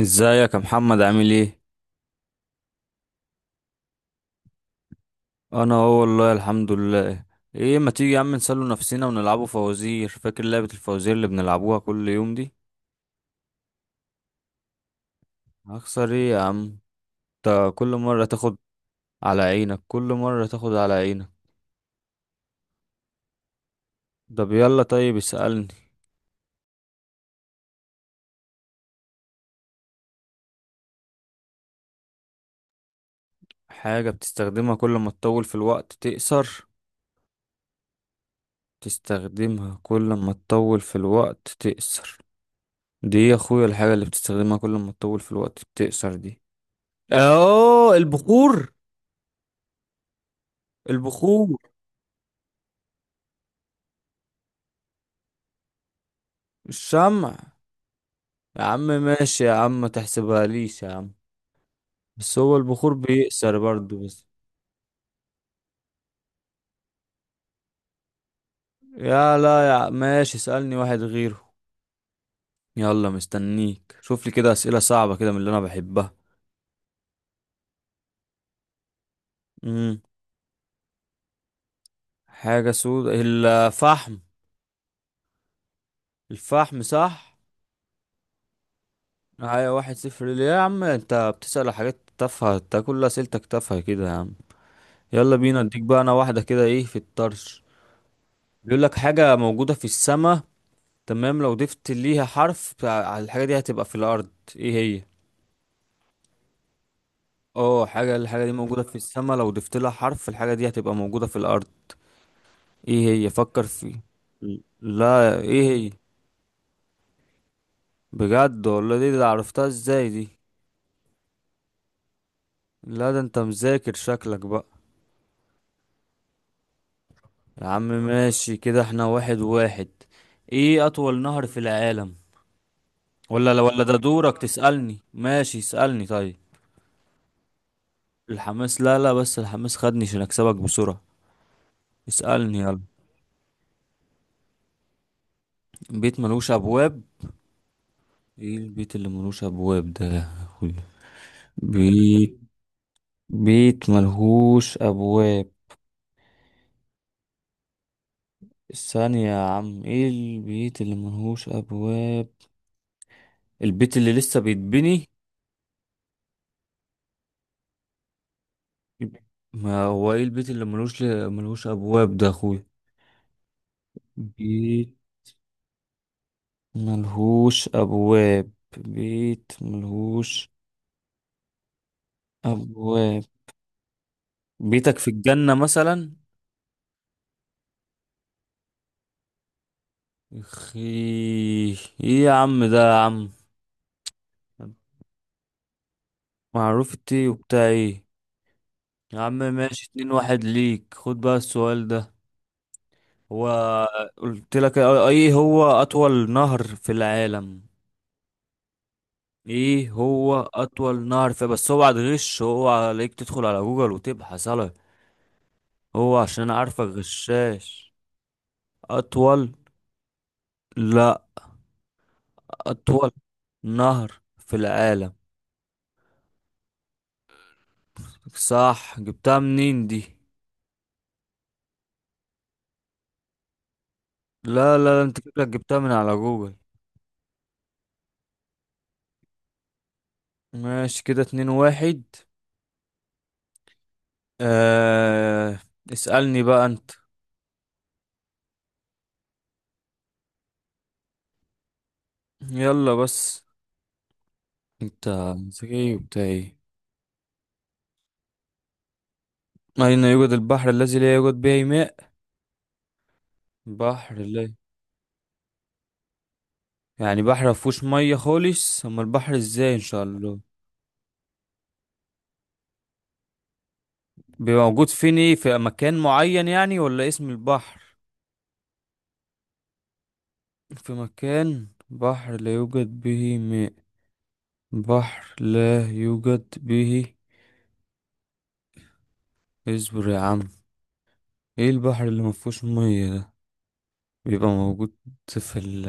ازيك يا محمد، عامل ايه؟ انا اهو، والله الحمد لله. ايه، ما تيجي يا عم نسلوا نفسنا ونلعبوا فوازير؟ فاكر لعبة الفوازير اللي بنلعبوها كل يوم دي؟ هخسر ايه يا عم؟ انت كل مرة تاخد على عينك، كل مرة تاخد على عينك. طب يلا، طيب اسألني. حاجة بتستخدمها كل ما تطول في الوقت تقصر؟ تستخدمها كل ما تطول في الوقت تقصر؟ دي يا اخويا الحاجة اللي بتستخدمها كل ما تطول في الوقت بتقصر دي. اه، البخور. البخور. مش سامع. يا عم ماشي، يا عم ما تحسبها ليش يا عم. بس هو البخور بيأثر برضه بس. يا لا يا عم، ماشي اسألني واحد غيره. يلا مستنيك، شوف لي كده أسئلة صعبة كده من اللي أنا بحبها. امم. حاجة سودة؟ الفحم. الفحم صح. هيا 1-0، ليه يا عم انت بتسأل حاجات تافهة؟ انت كل أسئلتك تافهة كده يا عم. يلا بينا، اديك بقى أنا واحدة كده. ايه في الطرش؟ بيقول لك حاجة موجودة في السماء. تمام، لو ضفت ليها حرف على الحاجة دي هتبقى في الأرض. ايه هي؟ اه حاجة، الحاجة دي موجودة في السماء، لو ضفت لها حرف الحاجة دي هتبقى موجودة في الأرض. ايه هي؟ فكر فيه. لا، ايه هي؟ بجد والله، دي عرفتها ازاي دي؟ لا، ده انت مذاكر شكلك بقى. يا عم ماشي، كده احنا 1-1. ايه أطول نهر في العالم؟ ولا لا ولا، ده دورك تسألني، ماشي اسألني طيب. الحماس، لا لا، بس الحماس خدني عشان أكسبك بسرعة. اسألني يلا. بيت ملوش أبواب؟ ايه البيت اللي ملوش ابواب ده يا اخوي؟ بيت بيت ملهوش ابواب. الثانية يا عم، ايه البيت اللي ملهوش ابواب؟ البيت اللي لسه بيتبني. ما هو ايه البيت اللي ملهوش ابواب ده يا اخوي؟ بيت ملهوش ابواب. بيت ملهوش ابواب. بيتك في الجنة مثلا. اخي، ايه يا عم ده يا عم. معروف التي وبتاع ايه. يا عم ماشي، 2-1 ليك، خد بقى السؤال ده. هو. قلت لك ايه هو اطول نهر في العالم؟ ايه هو اطول نهر في، بس اوعى تغش، اوعى عليك تدخل على جوجل وتبحث على. هو عشان انا عارفك غشاش. اطول. لا. اطول نهر في العالم. صح، جبتها منين دي؟ لا لا لا، انت شكلك جبتها من على جوجل. ماشي كده، 2-1. آه... اسألني بقى انت. يلا بس. انت ذكي وبتاع ايه؟ اين يوجد البحر الذي لا يوجد به ماء؟ بحر لا... يعني بحر مفهوش ميه خالص؟ اما البحر ازاي ان شاء الله؟ بيبقى موجود فين؟ ايه، في مكان معين يعني ولا اسم البحر؟ في مكان بحر لا يوجد به ماء. بحر لا يوجد به. اصبر يا عم. ايه البحر اللي مفهوش ميه ده؟ بيبقى موجود. في ال...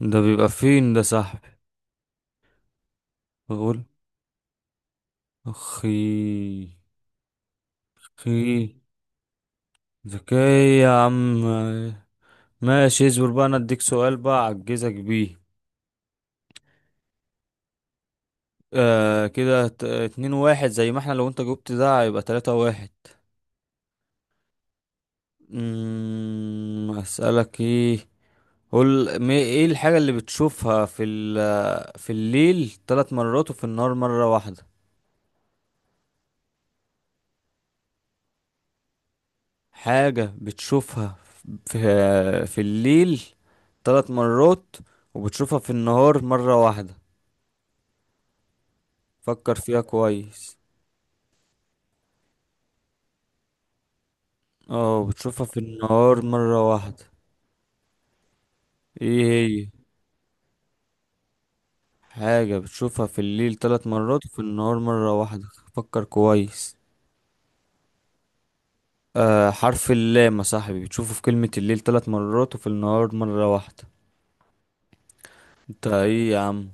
ده بيبقى فين ده صاحبي؟ بقول. اخي. اخي. ذكي. يا عم ماشي، اصبر بقى، انا اديك سؤال بقى اعجزك بيه. آه كده، اتنين واحد زي ما احنا، لو انت جبت ده هيبقى 3-1. اسألك ايه؟ قول، ايه الحاجة اللي بتشوفها في ال... في الليل تلات مرات وفي النهار مرة واحدة. حاجة بتشوفها في في الليل تلات مرات وبتشوفها في النهار مرة واحدة. فكر فيها كويس. اه، بتشوفها في النهار مرة واحدة. ايه هي؟ حاجة بتشوفها في الليل ثلاث مرات وفي النهار مرة واحدة. فكر كويس. آه، حرف اللام يا صاحبي، بتشوفه في كلمة الليل ثلاث مرات وفي النهار مرة واحدة. انت ايه يا عم؟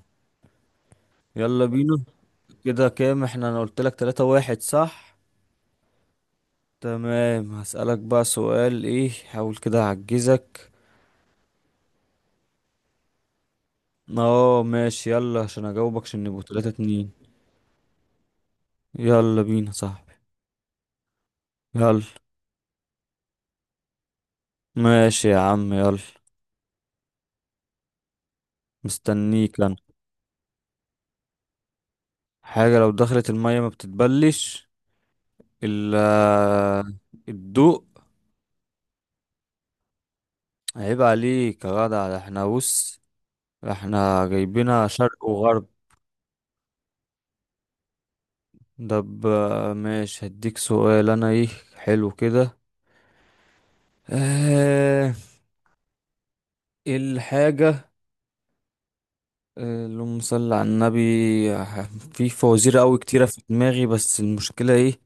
يلا بينا. كده كام احنا؟ انا قلت لك 3-1، صح؟ تمام، هسألك بقى سؤال ايه، حاول كده اعجزك. اه ماشي يلا، عشان اجاوبك عشان نبقوا 3-2. يلا بينا صاحبي. يلا. ماشي يا عم يلا. مستنيك انا. حاجة لو دخلت المية ما بتتبلش؟ الا. الضوء. عيب عليك يا جدع، ده احنا بص، ده احنا جايبينها شرق وغرب. طب ماشي هديك سؤال انا ايه. حلو كده. اه. إيه الحاجة. اللهم صل على النبي. آه، في فوازير قوي كتيرة في دماغي، بس المشكلة ايه.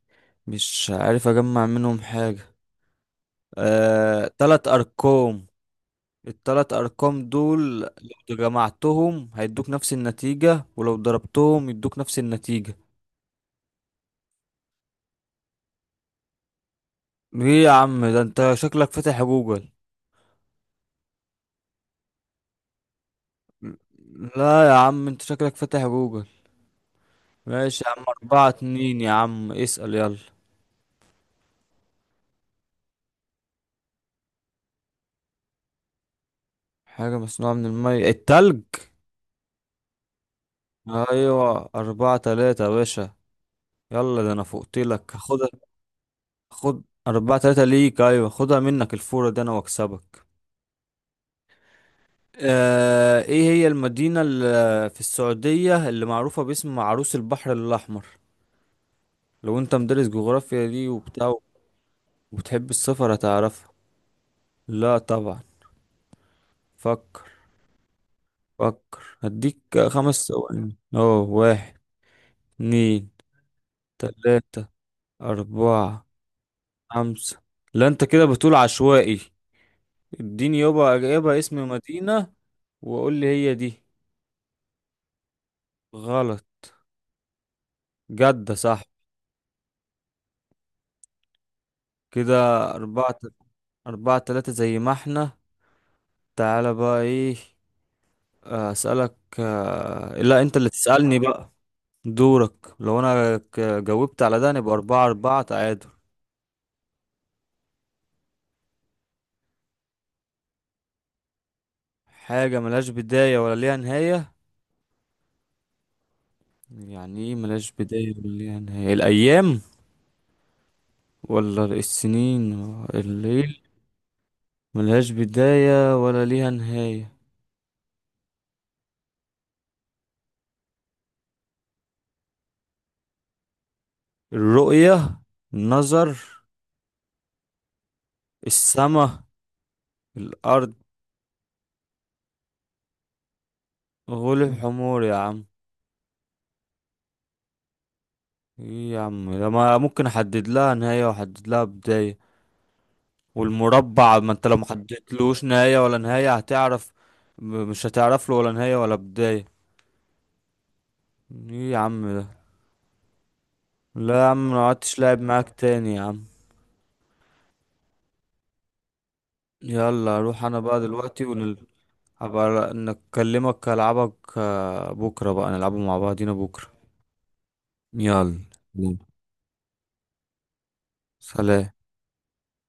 مش عارف اجمع منهم حاجة. تلات ارقام. التلات أرقام دول لو جمعتهم هيدوك نفس النتيجة، ولو ضربتهم يدوك نفس النتيجة. ايه يا عم ده، انت شكلك فاتح جوجل. لا يا عم، انت شكلك فاتح جوجل. ماشي يا عم، 4-2 يا عم، اسأل يلا. حاجة مصنوعة من المية؟ التلج. أيوة، 4-3 يا باشا. يلا، ده أنا فوقتلك، خد. خد. 4-3 ليك، أيوة خدها منك الفورة دي أنا وأكسبك. ايه هي المدينة اللي في السعودية اللي معروفة باسم عروس البحر الأحمر؟ لو انت مدرس جغرافيا دي وبتاع وبتحب السفر هتعرفها. لا طبعا. فكر. فكر، هديك 5 ثواني. اه واحد. اتنين. تلاتة. أربعة. خمسة. لا انت كده بتقول عشوائي. اديني يابا يابا اسم مدينة وقول لي هي دي. غلط. جدة صح. كده أربعة. أربعة تلاتة زي ما احنا. تعالى بقى ايه. اسألك، لا، انت اللي تسألني بقى. دورك، لو انا جاوبت على ده نبقى 4-4 تعادل. حاجة ملهاش بداية ولا ليها نهاية؟ يعني ايه ملهاش بداية ولا ليها نهاية؟ الأيام؟ ولا السنين؟ الليل؟ ملهاش بداية ولا ليها نهاية. الرؤية؟ النظر؟ السما؟ الأرض؟ غلب حمور يا عم. ايه يا عم ده، ما ممكن احدد لها نهاية واحدد لها بداية، والمربع، ما انت لو ما حطيتلوش نهاية ولا نهاية هتعرف. مش هتعرف له ولا نهاية ولا بداية. ايه يا عم ده. لا يا عم، ما عدتش لاعب معاك تاني يا عم. يلا اروح انا بقى دلوقتي ونل... هبقى نكلمك، العبك بكرة بقى، نلعبه مع بعضينا بكرة. يلا سلام.